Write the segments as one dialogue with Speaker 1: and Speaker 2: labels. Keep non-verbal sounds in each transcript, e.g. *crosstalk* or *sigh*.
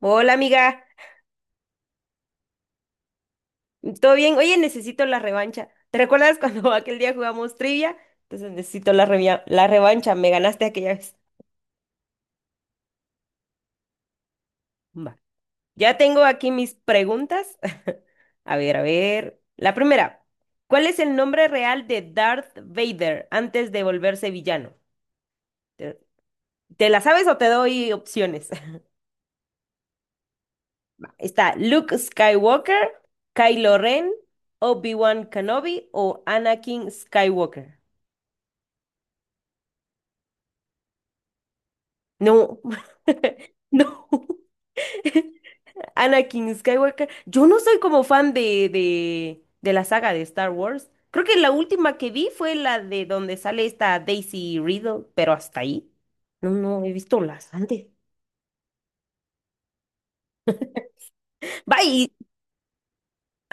Speaker 1: Hola amiga, ¿todo bien? Oye, necesito la revancha. ¿Te recuerdas cuando *laughs* aquel día jugamos trivia? Entonces necesito la revancha, me ganaste aquella vez. Va. Ya tengo aquí mis preguntas. *laughs* A ver, a ver. La primera, ¿cuál es el nombre real de Darth Vader antes de volverse villano? ¿Te, te la sabes o te doy opciones? *laughs* Está Luke Skywalker, Kylo Ren, Obi-Wan Kenobi o Anakin Skywalker. No, *laughs* no. *laughs* Anakin Skywalker. Yo no soy como fan de la saga de Star Wars. Creo que la última que vi fue la de donde sale esta Daisy Riddle, pero hasta ahí. No, no, he visto las antes. Bye,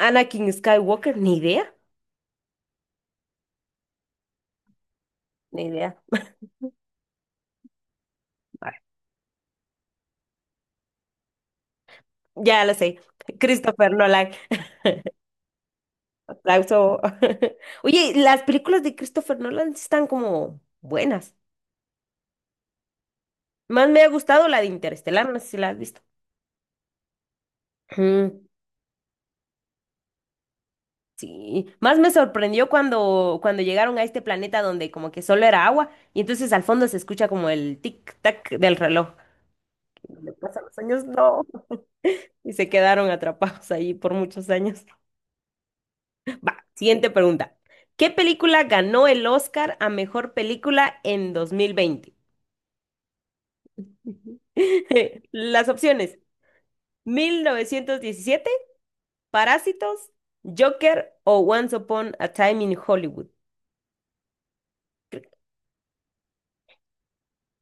Speaker 1: Anakin Skywalker, ni idea, ni idea. Ay, ya la sé. Christopher Nolan. *laughs* Aplauso. *laughs* Oye, las películas de Christopher Nolan sí están como buenas. Más me ha gustado la de Interestelar, no sé si la has visto. *clears throat* Ujú. Sí, más me sorprendió cuando llegaron a este planeta donde como que solo era agua y entonces al fondo se escucha como el tic-tac del reloj. Donde pasan los años, no. Y se quedaron atrapados ahí por muchos años. Va, siguiente pregunta. ¿Qué película ganó el Oscar a mejor película en 2020? *laughs* Las opciones: 1917. Parásitos, Joker o Once Upon a Time in Hollywood.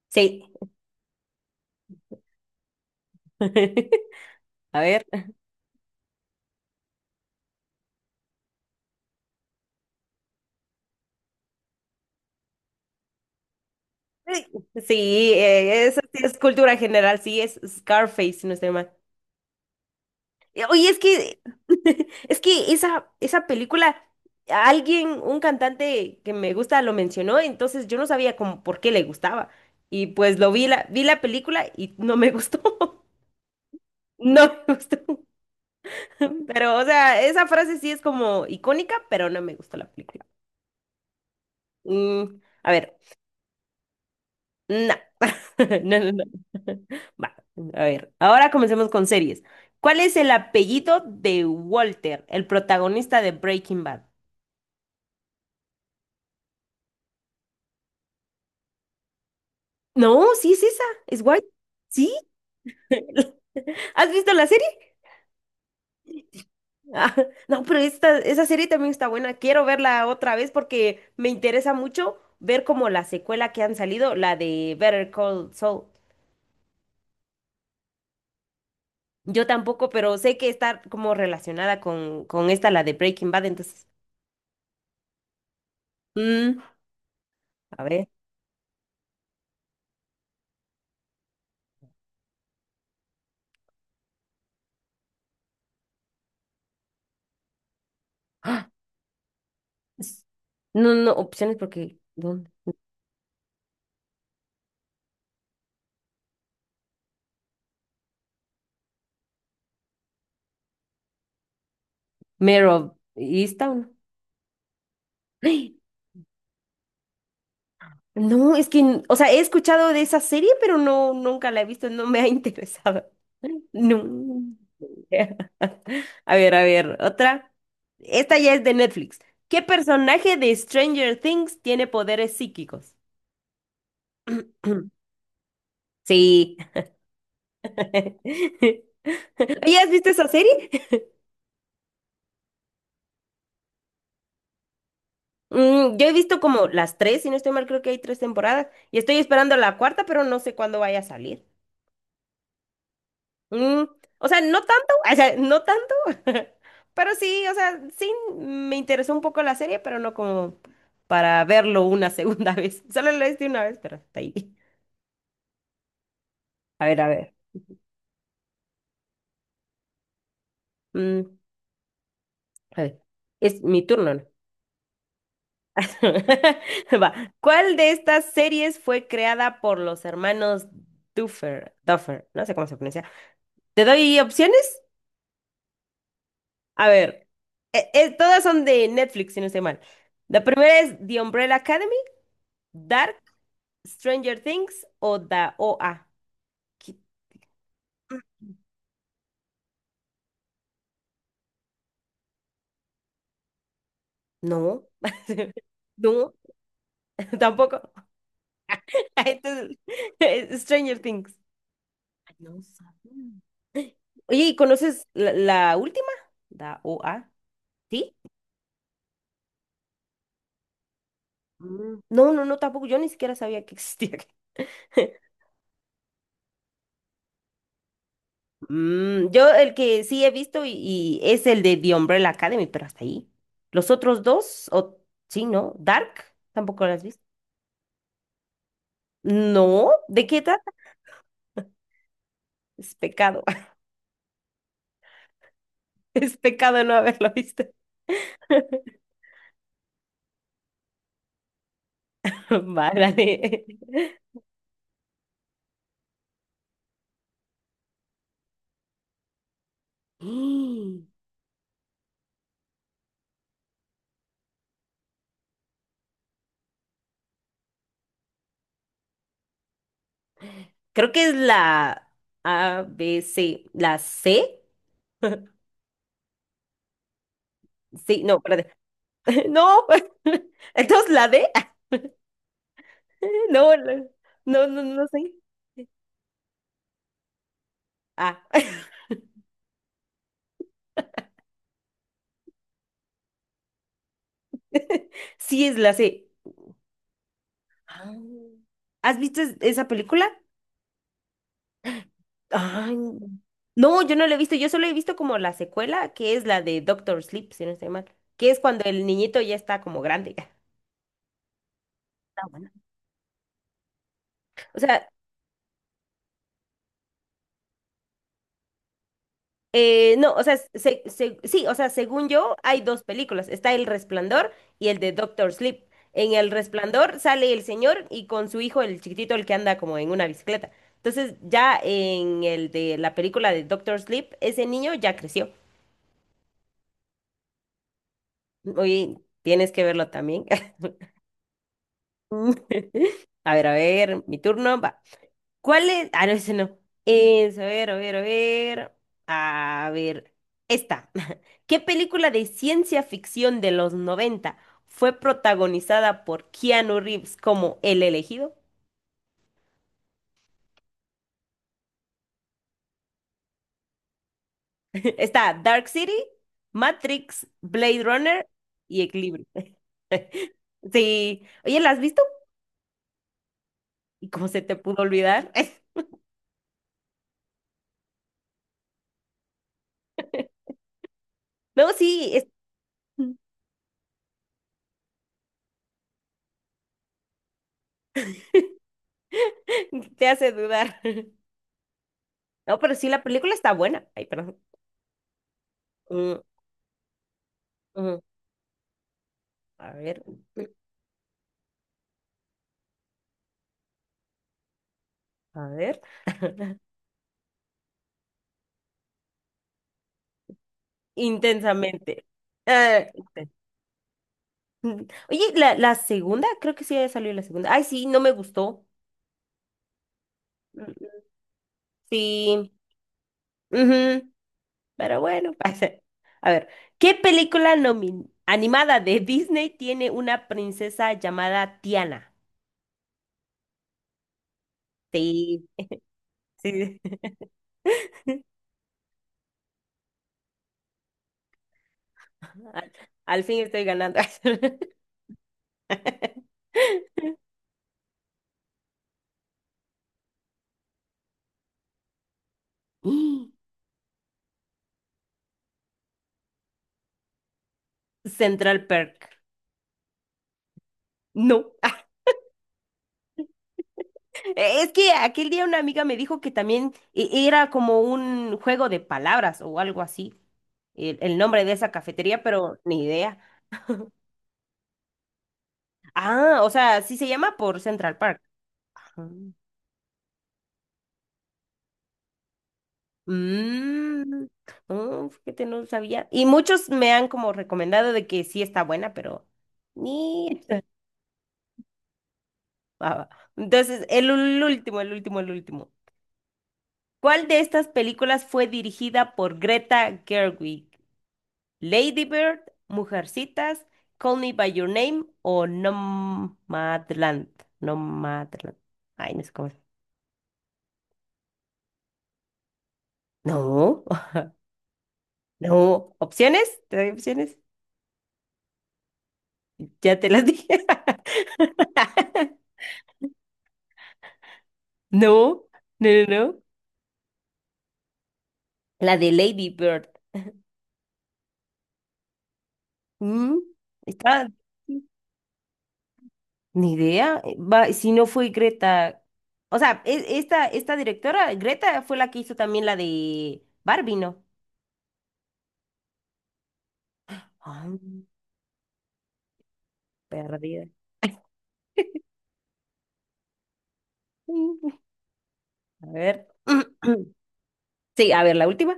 Speaker 1: Sí. *laughs* A ver. Sí, eso sí es cultura general, sí, es Scarface, si no estoy mal. Oye, es que, *laughs* es que esa película, alguien, un cantante que me gusta lo mencionó, entonces yo no sabía como por qué le gustaba. Y pues lo vi la película y no me gustó. *laughs* No me gustó. *laughs* Pero, o sea, esa frase sí es como icónica, pero no me gustó la película. Mm, a ver, no. *laughs* No, no, no. *laughs* Va, a ver, ahora comencemos con series. ¿Cuál es el apellido de Walter, el protagonista de Breaking Bad? No, sí es esa, es White. ¿Sí? ¿Has visto la serie? Ah, *laughs* no, pero esta, esa serie también está buena. Quiero verla otra vez porque me interesa mucho ver como la secuela que han salido, la de Better Call Saul. Yo tampoco, pero sé que está como relacionada con esta, la de Breaking Bad, entonces. mm, a ver. S- No, no, opciones porque ¿dónde? Mero Easttown. ¡Ay! No, es que, o sea, he escuchado de esa serie, pero no, nunca la he visto, no me ha interesado. No. *laughs* A ver, otra. Esta ya es de Netflix. ¿Qué personaje de Stranger Things tiene poderes psíquicos? *clears throat* Sí. *laughs* ¿Ya has visto esa serie? Yo he visto como las tres, si no estoy mal, creo que hay tres temporadas y estoy esperando la cuarta, pero no sé cuándo vaya a salir. Mm, o sea, no tanto, o sea, no tanto, *laughs* pero sí, o sea, sí me interesó un poco la serie, pero no como para verlo una segunda *laughs* vez. Solo lo hice una vez, pero está ahí. A ver, a ver. Mm, a ver. Es mi turno, ¿no? *laughs* Va. ¿Cuál de estas series fue creada por los hermanos Duffer? Duffer, no sé cómo se pronuncia. ¿Te doy opciones? A ver. Todas son de Netflix, si no estoy mal. La primera es The Umbrella Academy. Dark. Stranger Things o da OA. ¿Qué? No, *laughs* no, *laughs* tampoco. *laughs* Entonces, *laughs* Stranger Things. Ay, no sabía. Oye, ¿y conoces la última? Da a, ¿sí? Mm. No, no, no, tampoco. Yo ni siquiera sabía que existía. *laughs* Yo el que sí he visto y es el de The Umbrella Academy, pero hasta ahí. Los otros dos, o sí, ¿no? Dark, tampoco lo has visto. No, ¿de qué trata? Es pecado, *laughs* es pecado no haberlo visto. *laughs* Vale. Mm, *gasps* Creo que es la A, B, C. ¿La C? Sí, no, espérate. *laughs* No. *laughs* Entonces, ¿la D? *laughs* No, no, no, no sé. Ah, *laughs* sí es la C. Ah. ¿Has visto esa película? Ay, no, yo no la he visto. Yo solo he visto como la secuela, que es la de Doctor Sleep, si no estoy mal. Que es cuando el niñito ya está como grande. *laughs* Está buena. O sea, no, o sea, sí, o sea, según yo, hay dos películas. Está El Resplandor y el de Doctor Sleep. En El Resplandor sale el señor y con su hijo, el chiquitito, el que anda como en una bicicleta. Entonces, ya en el de la película de Doctor Sleep, ese niño ya creció. Oye, tienes que verlo también. *laughs* A ver, mi turno va. ¿Cuál es? Ah, no, ese no. Es, a ver, a ver, a ver. A ver. Esta. *laughs* ¿Qué película de ciencia ficción de los 90 fue protagonizada por Keanu Reeves como el elegido? *laughs* Está Dark City, Matrix, Blade Runner y Equilibrio. *laughs* Sí. Oye, ¿la has visto? ¿Y cómo se te pudo olvidar? *laughs* No, sí, *laughs* te hace dudar. *laughs* No, pero sí, la película está buena. Ay, perdón. Mm, mm. A ver, a ver. *laughs* Intensamente. Ah, *laughs* Mm. Oye, la segunda, creo que sí había salido la segunda. Ay, sí, no me gustó. Mm, sí, ujú, pero bueno. *laughs* pasa. A ver, ¿qué película animada de Disney tiene una princesa llamada Tiana? Sí, sí. *laughs* Al, al fin estoy ganando. *laughs* Central Perk. No. Es que aquel día una amiga me dijo que también era como un juego de palabras o algo así, el nombre de esa cafetería, pero ni idea. Ah, o sea, sí se llama por Central Park. Ah. Mm, oh, fíjate, no sabía. Y muchos me han como recomendado de que sí está buena, pero ni... *laughs* Ah, entonces, último, el último, el último. ¿Cuál de estas películas fue dirigida por Greta Gerwig? Lady Bird, Mujercitas, Call Me by Your Name o Nomadland. Nomadland. Ay, no sé cómo es. No, *laughs* no. ¿Opciones? ¿Te doy opciones? Ya te las dije. *laughs* No, no, no, no. La de Lady Bird. Mm, Está, ni idea. Va, si no fue Greta. O sea, esta directora, Greta, fue la que hizo también la de Barbie, ¿no? Ah, perdida. *laughs* A ver. *clears throat* Sí, a ver, la última.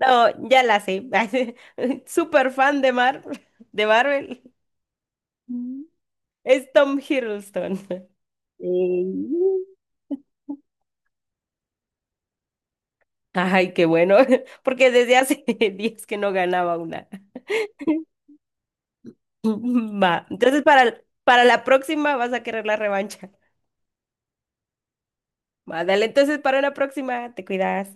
Speaker 1: No, ya la sé. *laughs* Super fan de Marvel. Mm. Es Tom Hiddleston. Eh, Ay, qué bueno, *laughs* porque desde hace *laughs* días que no ganaba una. *laughs* Va, entonces para la próxima vas a querer la revancha. Va, dale, entonces para una próxima, te cuidas.